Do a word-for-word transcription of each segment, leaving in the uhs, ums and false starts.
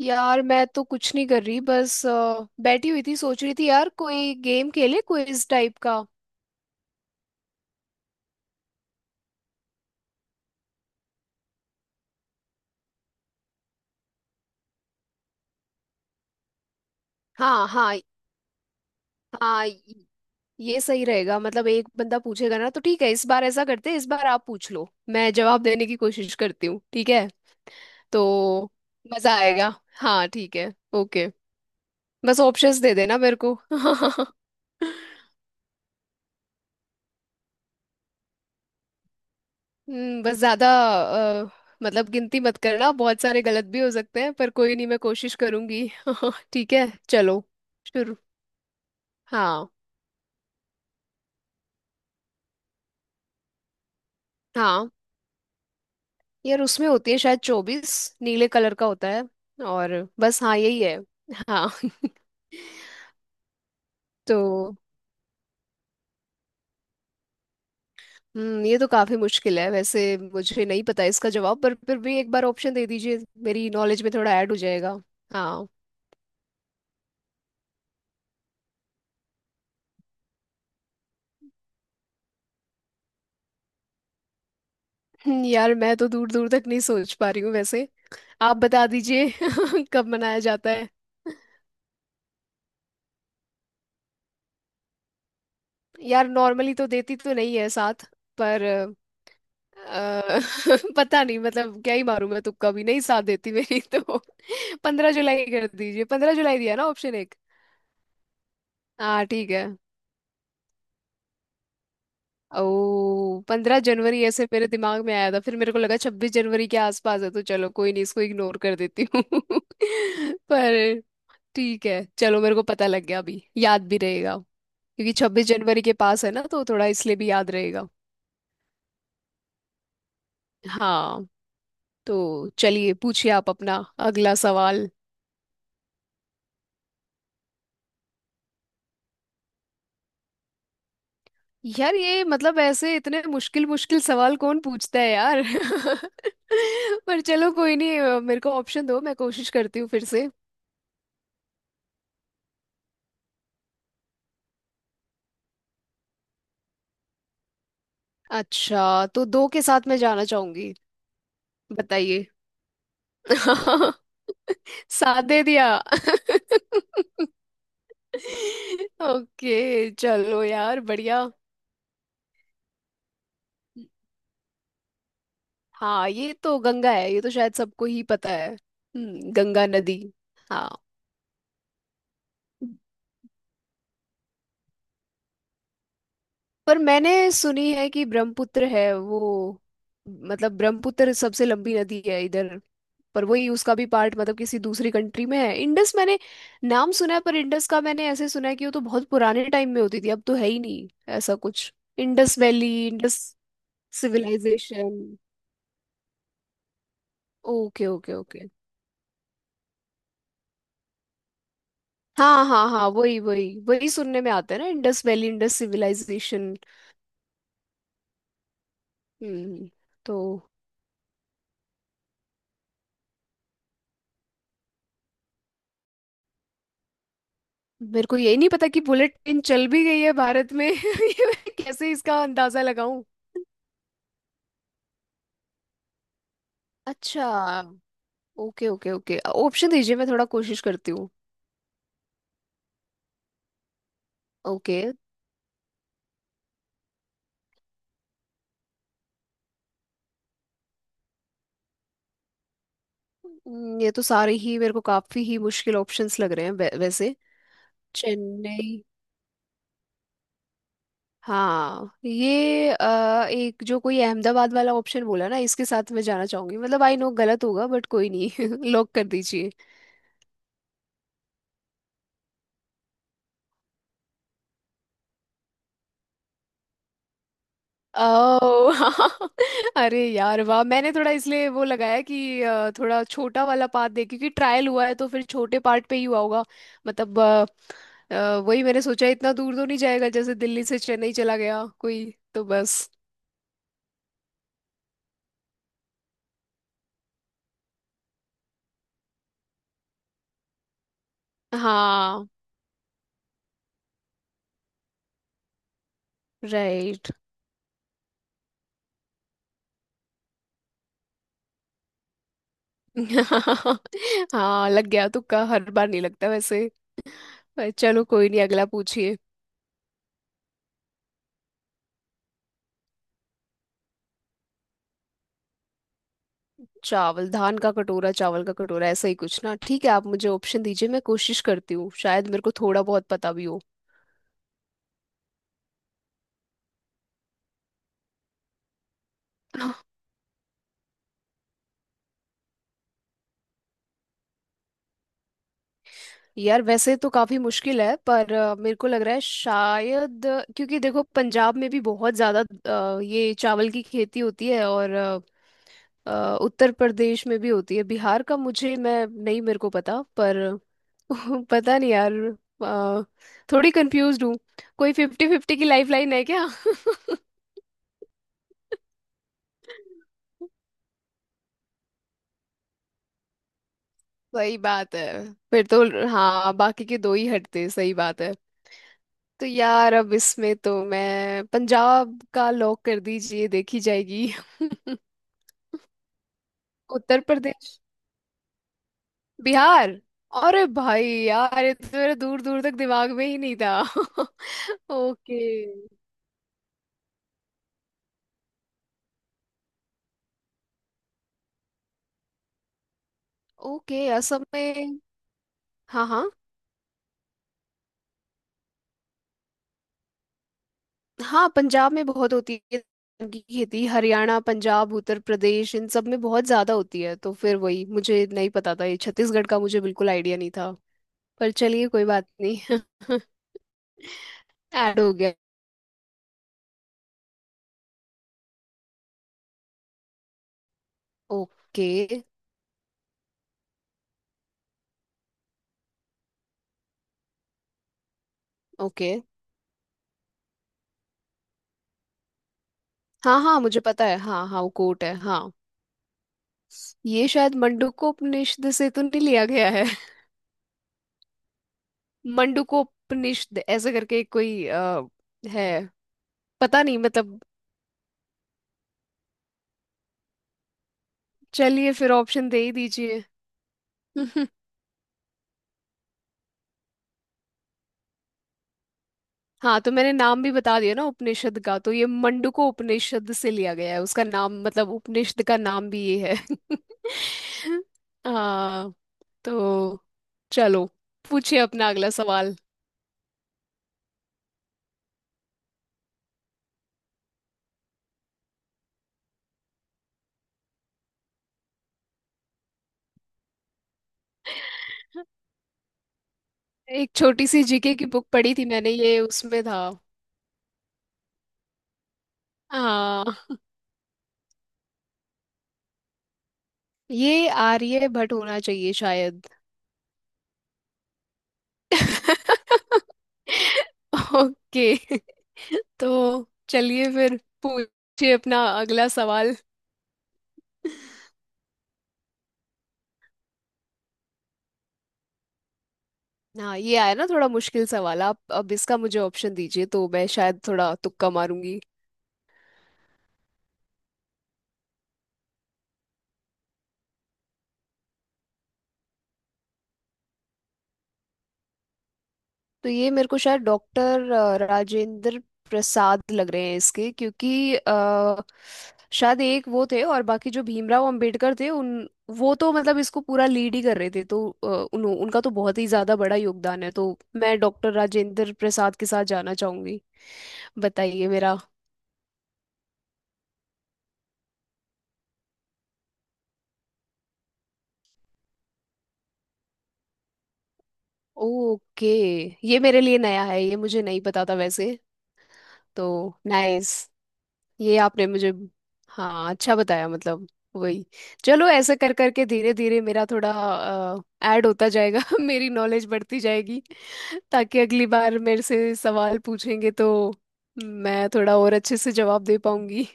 यार, मैं तो कुछ नहीं कर रही, बस अ, बैठी हुई थी। सोच रही थी यार, कोई गेम खेले, क्विज टाइप का। हाँ, हाँ। हाँ, ये सही रहेगा। मतलब एक बंदा पूछेगा ना, तो ठीक है। इस बार ऐसा करते हैं, इस बार आप पूछ लो, मैं जवाब देने की कोशिश करती हूँ। ठीक है तो मजा आएगा। हाँ, ठीक है, ओके। बस ऑप्शंस दे देना मेरे को। हम्म, बस ज्यादा अ, मतलब गिनती मत करना, बहुत सारे गलत भी हो सकते हैं, पर कोई नहीं, मैं कोशिश करूंगी। ठीक है, चलो शुरू। हाँ, हाँ। यार, उसमें होती है शायद चौबीस। नीले कलर का होता है। और बस, हाँ, यही है। हाँ। तो हम्म ये तो काफी मुश्किल है वैसे। मुझे नहीं पता इसका जवाब, पर फिर भी एक बार ऑप्शन दे दीजिए, मेरी नॉलेज में थोड़ा ऐड हो जाएगा। हाँ। हम्म, यार, मैं तो दूर दूर तक नहीं सोच पा रही हूँ वैसे। आप बता दीजिए कब मनाया जाता है। यार, नॉर्मली तो देती तो नहीं है साथ, पर अ, पता नहीं मतलब, क्या ही मारूं, मैं तुक्का भी नहीं, साथ देती मेरी तो। पंद्रह जुलाई कर दीजिए, पंद्रह जुलाई दिया ना ऑप्शन एक। हाँ, ठीक है। ओ, पंद्रह जनवरी ऐसे मेरे दिमाग में आया था, फिर मेरे को लगा छब्बीस जनवरी के आसपास है, तो चलो कोई नहीं, इसको इग्नोर कर देती हूँ। पर ठीक है, चलो मेरे को पता लग गया, अभी याद भी रहेगा। क्योंकि छब्बीस जनवरी के पास है ना, तो थोड़ा इसलिए भी याद रहेगा। हाँ, तो चलिए पूछिए आप अपना अगला सवाल। यार, ये मतलब ऐसे इतने मुश्किल मुश्किल सवाल कौन पूछता है यार। पर चलो कोई नहीं, अ, मेरे को ऑप्शन दो, मैं कोशिश करती हूँ फिर से। अच्छा, तो दो के साथ मैं जाना चाहूंगी। बताइए। साथ दे दिया। ओके, चलो यार, बढ़िया। हाँ, ये तो गंगा है, ये तो शायद सबको ही पता है। हम्म, गंगा नदी। हाँ। पर मैंने सुनी है कि ब्रह्मपुत्र है वो, मतलब ब्रह्मपुत्र सबसे लंबी नदी है इधर। पर वही, उसका भी पार्ट मतलब किसी दूसरी कंट्री में है। इंडस मैंने नाम सुना है, पर इंडस का मैंने ऐसे सुना है कि वो तो बहुत पुराने टाइम में होती थी, अब तो है ही नहीं, ऐसा कुछ। Indus valley, Indus civilisation. Okay, okay, okay. हाँ, हाँ, हाँ, वही वही वही सुनने में आता है ना, Indus valley, Indus civilisation. Hmm. तो मेरे को यही नहीं पता कि बुलेट ट्रेन चल भी गई है भारत में। ये मैं कैसे इसका अंदाजा लगाऊं। अच्छा, ओके ओके ओके, ऑप्शन दीजिए, मैं थोड़ा कोशिश करती हूँ। ओके। हम्म, ये तो सारे ही मेरे को काफी ही मुश्किल ऑप्शंस लग रहे हैं वै- वैसे। चेन्नई। हाँ, ये अ, एक जो कोई अहमदाबाद वाला ऑप्शन बोला ना, इसके साथ मैं जाना चाहूंगी। मतलब, आई नो गलत होगा बट, कोई नहीं। लॉक कर दीजिए। ओह। हाँ। अरे यार, वाह, मैंने थोड़ा इसलिए वो लगाया कि अ, थोड़ा छोटा वाला पार्ट दे, क्योंकि ट्रायल हुआ है तो फिर छोटे पार्ट पे ही हुआ होगा। मतलब अ, अ, वही मैंने सोचा, इतना दूर तो नहीं जाएगा, जैसे दिल्ली से चेन्नई चला गया कोई। तो बस। हाँ। राइट। हाँ, लग गया तुक्का, हर बार नहीं लगता वैसे। पर चलो कोई नहीं, अगला पूछिए। चावल, धान का कटोरा, चावल का कटोरा, ऐसा ही कुछ ना। ठीक है, आप मुझे ऑप्शन दीजिए, मैं कोशिश करती हूँ, शायद मेरे को थोड़ा बहुत पता भी हो। यार, वैसे तो काफी मुश्किल है, पर अ, मेरे को लग रहा है शायद, अ, क्योंकि देखो पंजाब में भी बहुत ज्यादा अ, ये चावल की खेती होती है, और अ, अ, उत्तर प्रदेश में भी होती है। बिहार का मुझे, मैं नहीं मेरे को पता। पर पता नहीं यार। अ, थोड़ी कंफ्यूज हूँ। कोई फिफ्टी फिफ्टी की लाइफ लाइन है क्या? सही बात है। फिर तो हाँ, बाकी के दो ही हटते, सही बात है। तो यार, अब इसमें तो मैं पंजाब का, लॉक कर दीजिए, देखी जाएगी। उत्तर प्रदेश, बिहार। अरे भाई, यार ये तो मेरा दूर दूर तक दिमाग में ही नहीं था। ओके, ओके, असम में। हाँ, हाँ, हाँ, पंजाब में बहुत होती है धान की खेती, हरियाणा, पंजाब, उत्तर प्रदेश, इन सब में बहुत ज्यादा होती है। तो फिर वही, मुझे नहीं पता था, ये छत्तीसगढ़ का मुझे बिल्कुल आइडिया नहीं था। पर चलिए कोई बात नहीं। ऐड हो गया। Okay, okay. हाँ, हाँ, मुझे पता है, हाँ, हाँ, वो कोट है, हाँ। ये शायद मंडूकोपनिषद से तो नहीं लिया गया है? मंडूकोपनिषद ऐसे करके कोई आ, है। पता नहीं मतलब। चलिए फिर ऑप्शन दे ही दीजिए। हाँ, तो मैंने नाम भी बता दिया ना उपनिषद का। तो ये मंडूको उपनिषद से लिया गया है, उसका नाम, मतलब उपनिषद का नाम भी ये है। हाँ। तो चलो, पूछिए अपना अगला सवाल। एक छोटी सी जीके की बुक पढ़ी थी मैंने, ये उसमें था। हाँ, ये आर्य भट्ट होना चाहिए शायद। ओके। तो चलिए फिर, पूछिए अपना अगला सवाल। हाँ, ये आया ना थोड़ा मुश्किल सवाल आप अब। इसका मुझे ऑप्शन दीजिए, तो मैं शायद थोड़ा तुक्का मारूंगी। तो ये मेरे को शायद डॉक्टर राजेंद्र प्रसाद लग रहे हैं इसके, क्योंकि अ, शायद एक वो थे, और बाकी जो भीमराव अंबेडकर थे, उन वो तो मतलब इसको पूरा लीड ही कर रहे थे। तो अ, उन, उनका तो बहुत ही ज़्यादा बड़ा योगदान है। तो मैं डॉक्टर राजेंद्र प्रसाद के साथ जाना चाहूंगी। बताइए मेरा। ओके। ये मेरे लिए नया है, ये मुझे नहीं पता था वैसे। तो नाइस। ये आपने मुझे, हाँ, अच्छा बताया। मतलब वही। चलो, ऐसे कर करके धीरे धीरे मेरा थोड़ा ऐड होता जाएगा। मेरी नॉलेज बढ़ती जाएगी, ताकि अगली बार मेरे से सवाल पूछेंगे तो मैं थोड़ा और अच्छे से जवाब दे पाऊंगी।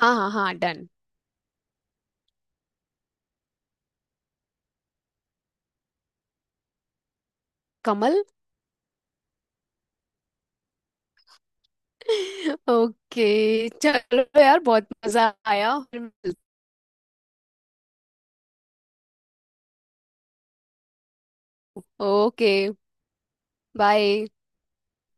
हाँ, हाँ, हाँ, डन। कमल। ओके, चलो यार, बहुत मजा आया, फिर मिलते-। Okay, bye.